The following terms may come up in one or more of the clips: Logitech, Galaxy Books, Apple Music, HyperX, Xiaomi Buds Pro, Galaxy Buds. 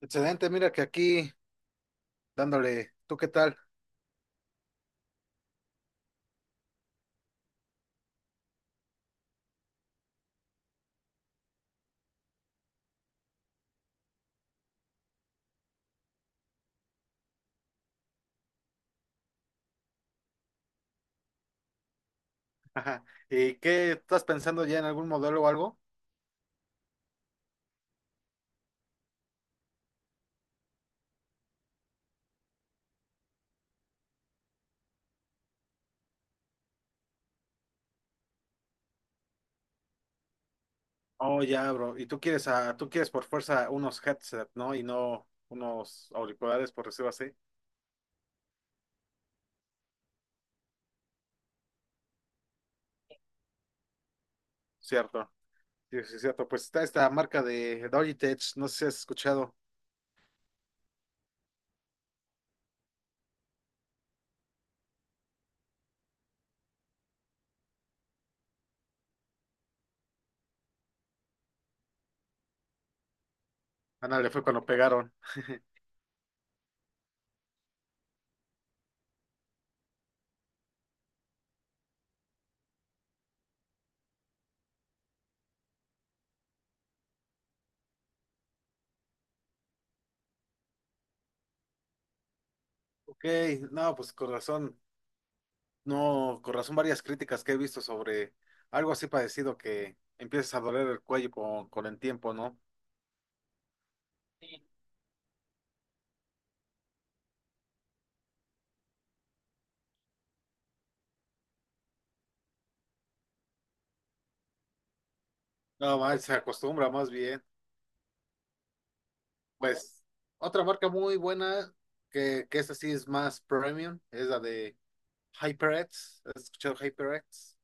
Excelente, mira que aquí dándole, ¿tú qué tal? Ajá. ¿Y qué estás pensando ya en algún modelo o algo? Oh, ya, bro. Tú quieres por fuerza unos headset, ¿no? Y no unos auriculares, por decirlo así. Cierto. Sí, cierto. Pues está esta marca de Logitech, no sé si has escuchado. Ándale, fue cuando pegaron. Ok, no, pues con razón, no, con razón varias críticas que he visto sobre algo así parecido que empiezas a doler el cuello con el tiempo, ¿no? No, más se acostumbra más bien. Pues otra marca muy buena, que esa sí es más premium, es la de HyperX. ¿Has escuchado HyperX?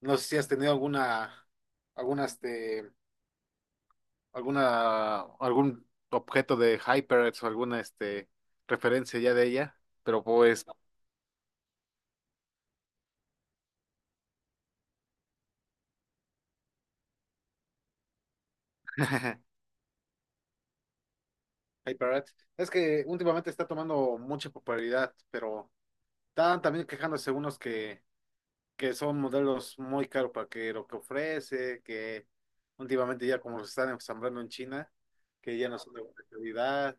No sé si has tenido alguna, alguna, este, alguna, ¿algún objeto de HyperX o alguna, referencia ya de ella? Pero pues HyperX. Es que últimamente está tomando mucha popularidad, pero están también quejándose unos que son modelos muy caros para que lo que ofrece, que últimamente ya como los están ensamblando en China, que ya no son de buena calidad,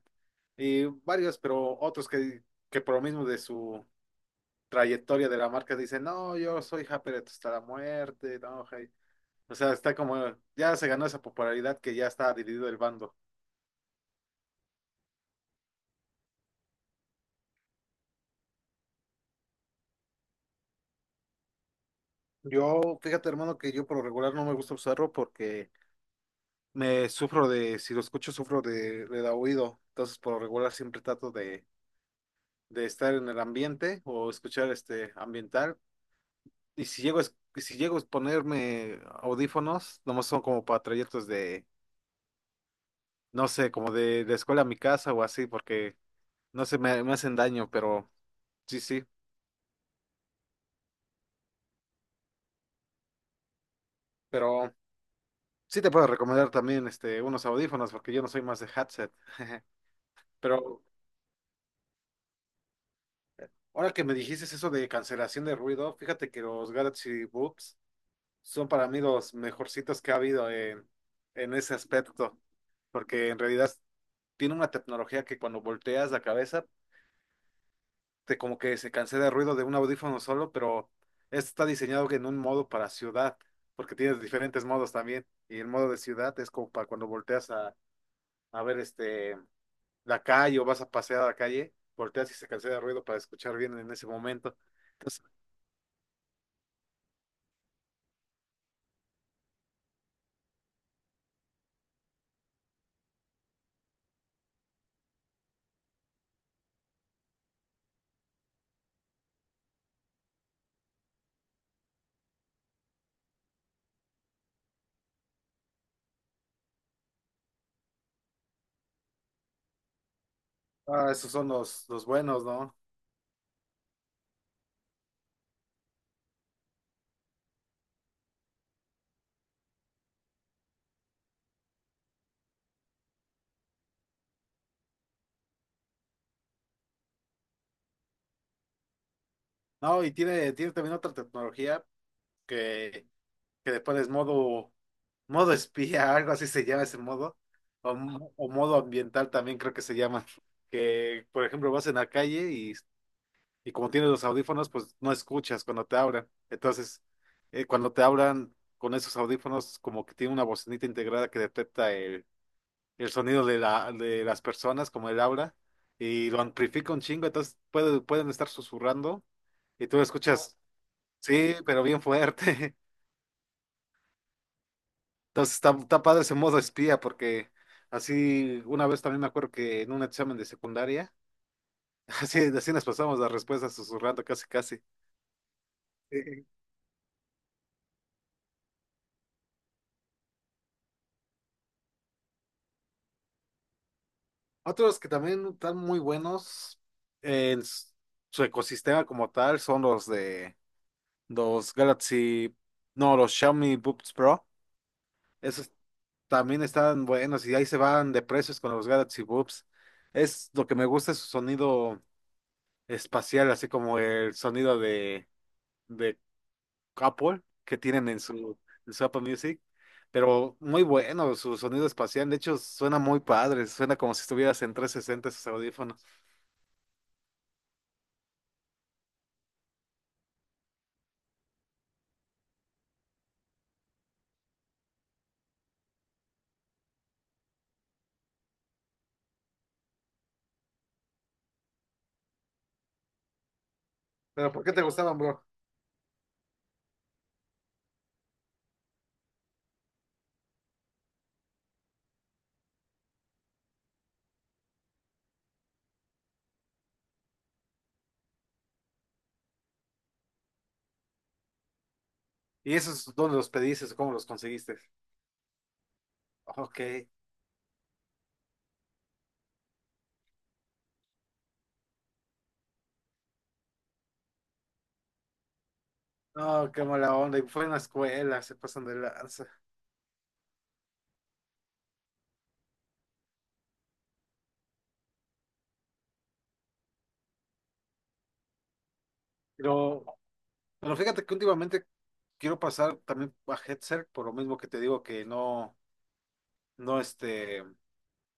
y varios, pero otros que por lo mismo de su trayectoria de la marca dicen, no, yo soy Japeret hasta la muerte, no, hey". O sea, está como, ya se ganó esa popularidad que ya está dividido el bando. Yo, fíjate hermano, que yo por lo regular no me gusta usarlo porque me sufro de, si lo escucho, sufro de oído. Entonces, por lo regular siempre trato de estar en el ambiente o escuchar este ambiental. Y si llego y si llego a ponerme audífonos, nomás son como para trayectos de, no sé, como de escuela a mi casa o así, porque no sé, me hacen daño, pero sí, sí. Pero sí te puedo recomendar también este, unos audífonos, porque yo no soy más de headset. Pero ahora que me dijiste eso de cancelación de ruido, fíjate que los Galaxy Books son para mí los mejorcitos que ha habido en ese aspecto, porque en realidad tiene una tecnología que cuando volteas la cabeza, te como que se cancela el ruido de un audífono solo, pero este está diseñado en un modo para ciudad, porque tienes diferentes modos también, y el modo de ciudad es como para cuando volteas a ver este, la calle o vas a pasear a la calle, volteas y se cancela el ruido para escuchar bien en ese momento. Entonces, ah, esos son los buenos, ¿no? No, y tiene, tiene también otra tecnología que que le pones modo, modo espía, algo así se llama ese modo, o modo ambiental también creo que se llama, que por ejemplo vas en la calle y como tienes los audífonos, pues no escuchas cuando te hablan. Entonces, cuando te hablan con esos audífonos, como que tiene una bocinita integrada que detecta el sonido de las personas, como el aura, y lo amplifica un chingo, entonces pueden estar susurrando y tú lo escuchas, sí, pero bien fuerte. Entonces está, está padre ese modo espía porque así una vez también me acuerdo que en un examen de secundaria, así, así nos pasamos las respuestas susurrando casi casi. Eh, Otros que también están muy buenos en su ecosistema como tal son los de los Galaxy, no, los Xiaomi Buds Pro. Esos también están buenos y ahí se van de precios con los Galaxy Buds. Es lo que me gusta es su sonido espacial, así como el sonido de Apple que tienen en su Apple Music, pero muy bueno su sonido espacial, de hecho suena muy padre, suena como si estuvieras en 360 esos audífonos. ¿Pero por qué te gustaban, bro? ¿Y esos dónde los pediste o cómo los conseguiste? Ok. No, qué mala onda, y fue en la escuela, se pasan de lanza. Pero, pero fíjate que últimamente quiero pasar también a headset, por lo mismo que te digo que no, no este,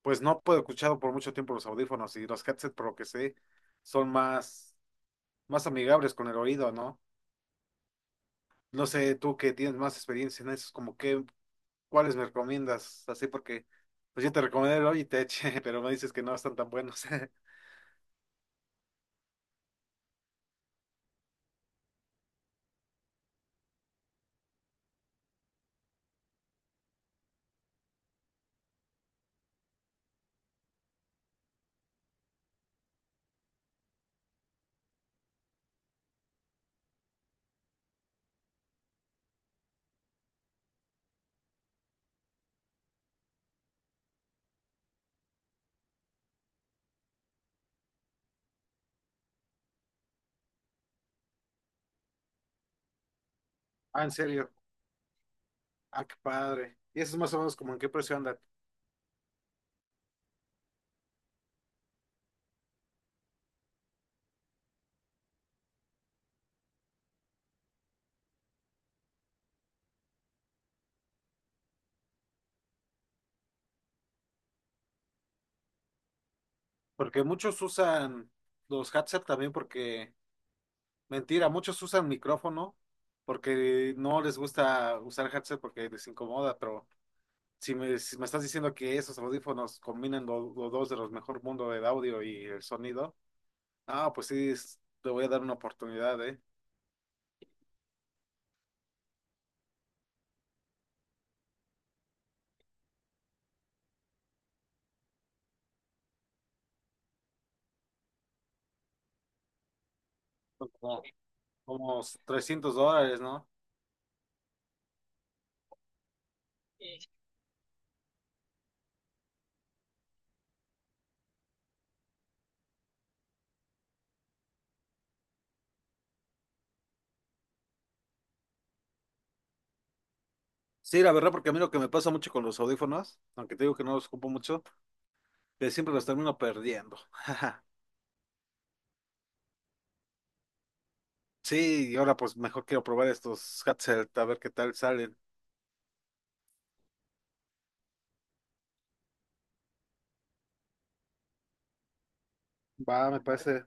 pues no puedo escuchar por mucho tiempo los audífonos y los headset, por lo que sé, son más más amigables con el oído, ¿no? No sé, tú que tienes más experiencia en eso, como que, ¿cuáles me recomiendas? Así porque, pues yo te recomendé el Logitech, pero me dices que no están tan buenos. Ah, en serio. Ah, qué padre. ¿Y eso es más o menos como en qué precio andan? Porque muchos usan los headset también porque, mentira, muchos usan micrófono porque no les gusta usar headset porque les incomoda, pero si me estás diciendo que esos audífonos combinan los dos de los mejor mundo del audio y el sonido. Ah, pues sí, le voy a dar una oportunidad, ¿eh? Son como, como $300, ¿no? Sí, la verdad, porque a mí lo que me pasa mucho con los audífonos, aunque te digo que no los ocupo mucho, que siempre los termino perdiendo. Sí, y ahora pues mejor quiero probar estos headset, a ver qué tal salen. Va, me parece.